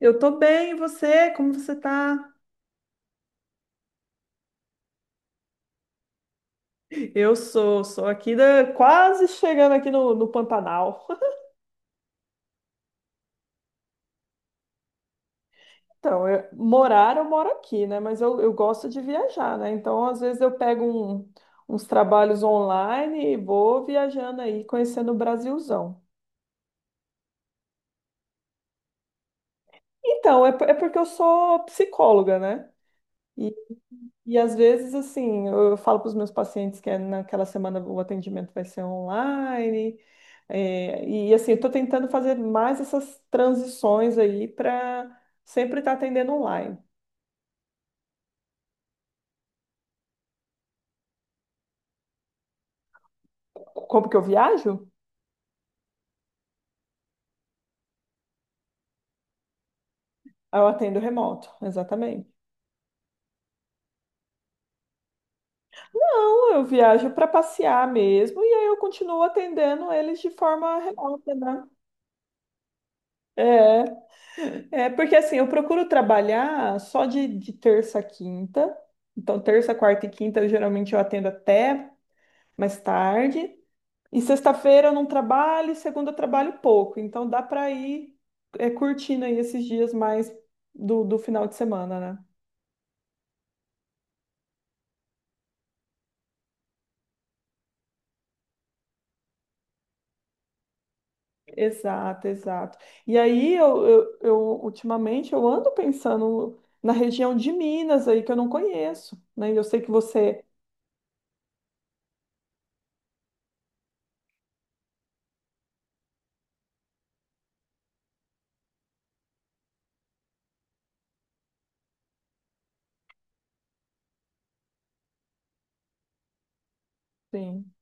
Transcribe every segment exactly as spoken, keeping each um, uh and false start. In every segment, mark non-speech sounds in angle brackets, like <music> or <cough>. Eu tô bem, e você? Como você tá? Eu sou, sou aqui da, quase chegando aqui no, no Pantanal. <laughs> Então, eu- morar eu moro aqui, né? Mas eu, eu gosto de viajar, né? Então, às vezes eu pego um- uns trabalhos online e vou viajando aí, conhecendo o Brasilzão. Então, é, por- é porque eu sou psicóloga, né? E, e às vezes, assim, eu, eu falo para os meus pacientes que é naquela semana o atendimento vai ser online. É, e assim, eu estou tentando fazer mais essas transições aí para sempre estar atendendo online. Como que eu viajo? Ah, Eu atendo remoto, exatamente. Não, eu viajo para passear mesmo e aí eu continuo atendendo eles de forma remota, né? É, é porque assim, eu procuro trabalhar só de, de terça a quinta. Então, terça, quarta e quinta, eu, geralmente eu atendo até mais tarde. E sexta-feira eu não trabalho, e segunda eu trabalho pouco. Então dá para ir é, curtindo aí esses dias mais do, do final de semana, né? Exato, exato. E aí eu, eu, eu, ultimamente eu ando pensando na região de Minas aí que eu não conheço, né? E eu sei que você Sim.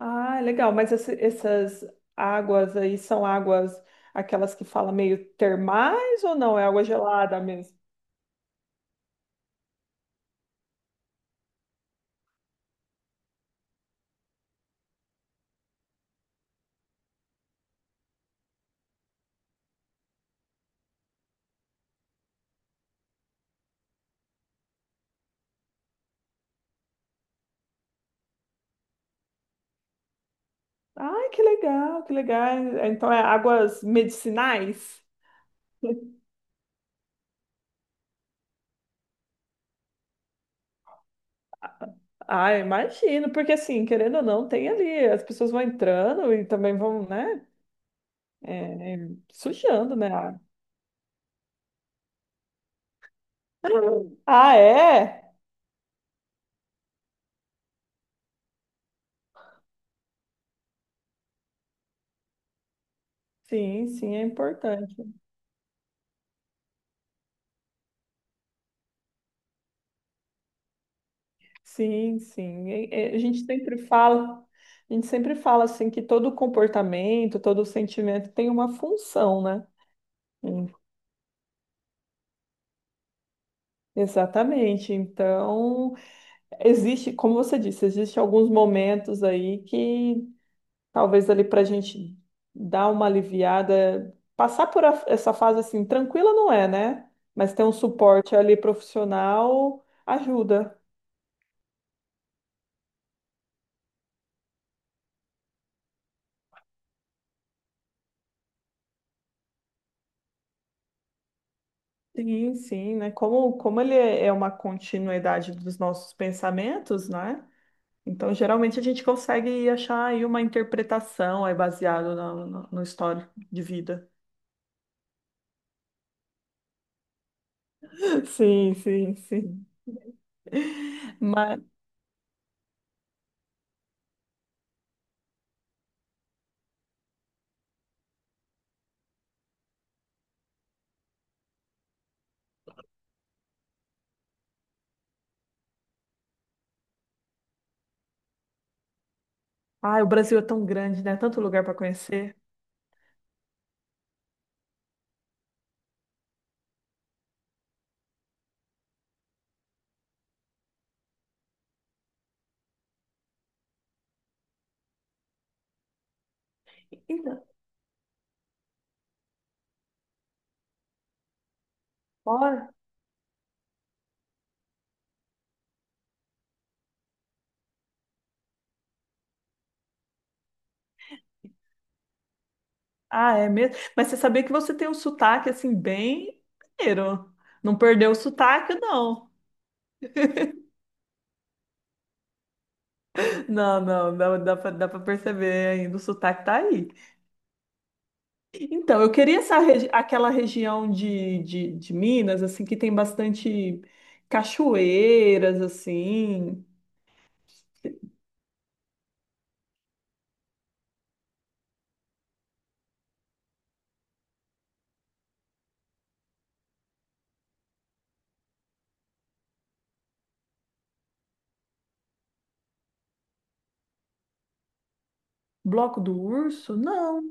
Ah, legal. Mas esse- essas águas aí são águas, aquelas que fala meio termais ou não? É água gelada mesmo? Ai, que legal, que legal. Então é águas medicinais? Ah, imagino, porque assim, querendo ou não, tem ali, as pessoas vão entrando e também vão, né, é, é, sujando, né? a- Ah, é? Sim, sim, é importante. Sim, sim. É- é, A gente sempre fala, a gente sempre fala assim que todo comportamento, todo sentimento tem uma função, né? Hum, Exatamente. Então, Existe, como você disse, existe alguns momentos aí que talvez ali para a gente dar uma aliviada, passar por a- essa fase assim, tranquila não é, né? Mas ter um suporte ali profissional ajuda. Sim, sim, né? Como, como ele é é uma continuidade dos nossos pensamentos, né? Então, geralmente a gente consegue achar aí uma interpretação aí baseado no, no, no histórico de vida. <laughs> Sim, sim, sim. mas Ai, o Brasil é tão grande, né? Tanto lugar para conhecer. Então, bora. Ah, é mesmo? Mas você sabia que você tem um sotaque assim bem mineiro. Não perdeu o sotaque, não. Não, não, não, dá pra, dá pra perceber ainda, o sotaque tá aí. Então, eu queria essa regi- aquela região de, de, de Minas, assim, que tem bastante cachoeiras, assim, Bloco do Urso? Não.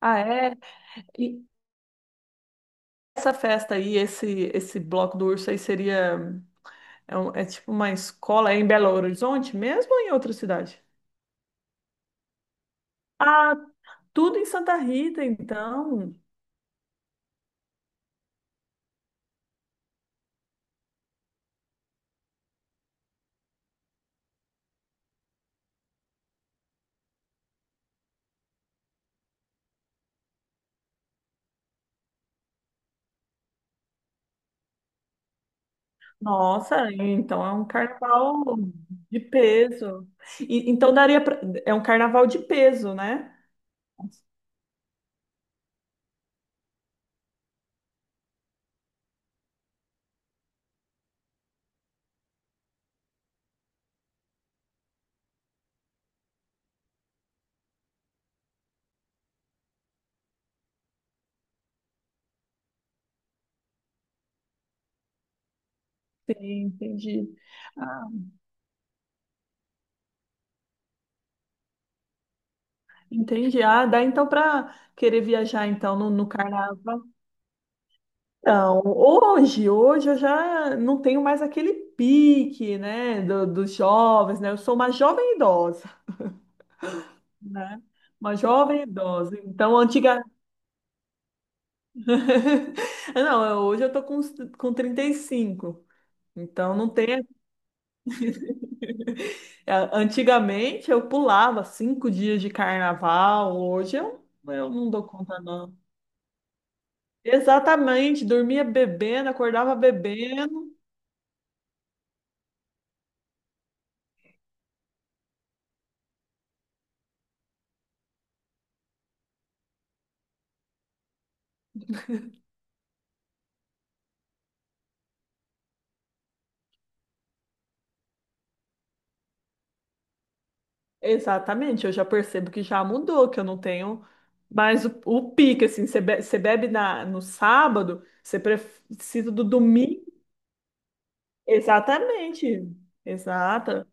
Ah, é? E essa festa aí, esse, esse Bloco do Urso aí seria. É, um- é tipo uma escola, é em Belo Horizonte mesmo ou em outra cidade? Ah, tudo em Santa Rita, então. Nossa, então é um carnaval de peso. E- então daria pra... É um carnaval de peso, né? Sim, entendi. Ah, entendi. Ah, dá então para querer viajar então no, no carnaval. Então, hoje, hoje eu já não tenho mais aquele pique, né, do- dos jovens, né? Eu sou uma jovem idosa. Né? Uma jovem idosa. Então, antiga. <laughs> Não, eu- hoje eu tô com, uns- com trinta e cinco. Então, não tem. É, Antigamente eu pulava cinco dias de carnaval. Hoje eu, eu não dou conta, não. Exatamente, dormia bebendo, acordava bebendo. Exatamente, eu já percebo que já mudou, que eu não tenho mais o, o pique, assim, você be- você bebe na, no sábado, você precisa do domingo. Exatamente, exato.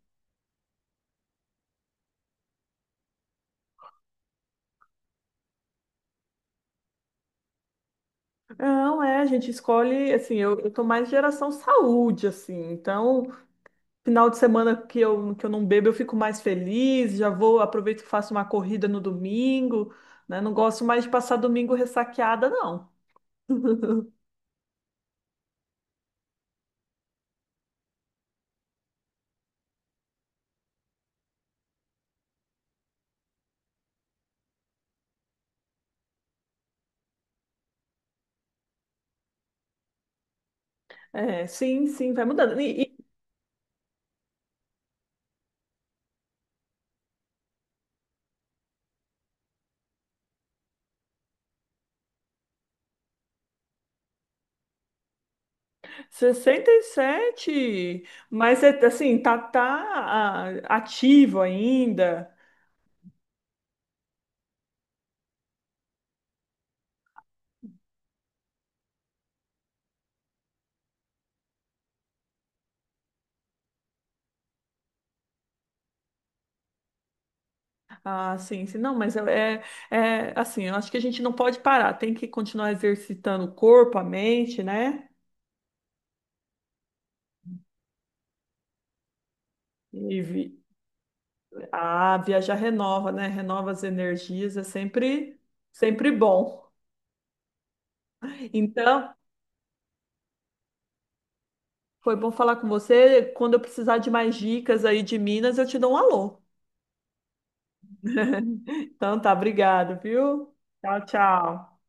Não, é, a gente escolhe, assim, eu, eu tô mais geração saúde, assim, então, final de semana que eu, que eu não bebo, eu fico mais feliz, já vou, aproveito que faço uma corrida no domingo, né? Não gosto mais de passar domingo ressaqueada, não. <laughs> É, sim, sim, vai mudando. E, e sessenta e sete, mas é, assim, tá, tá ah, ativo ainda, Ah, sim, sim. Não, mas é, é é, assim, eu acho que a gente não pode parar, tem que continuar exercitando o corpo, a mente, né? E vi... ah, viajar renova, né? Renova as energias, é sempre, sempre bom. Então, foi bom falar com você. Quando eu precisar de mais dicas aí de Minas, eu te dou um alô. <laughs> Então tá, obrigado, viu? Tchau, tchau.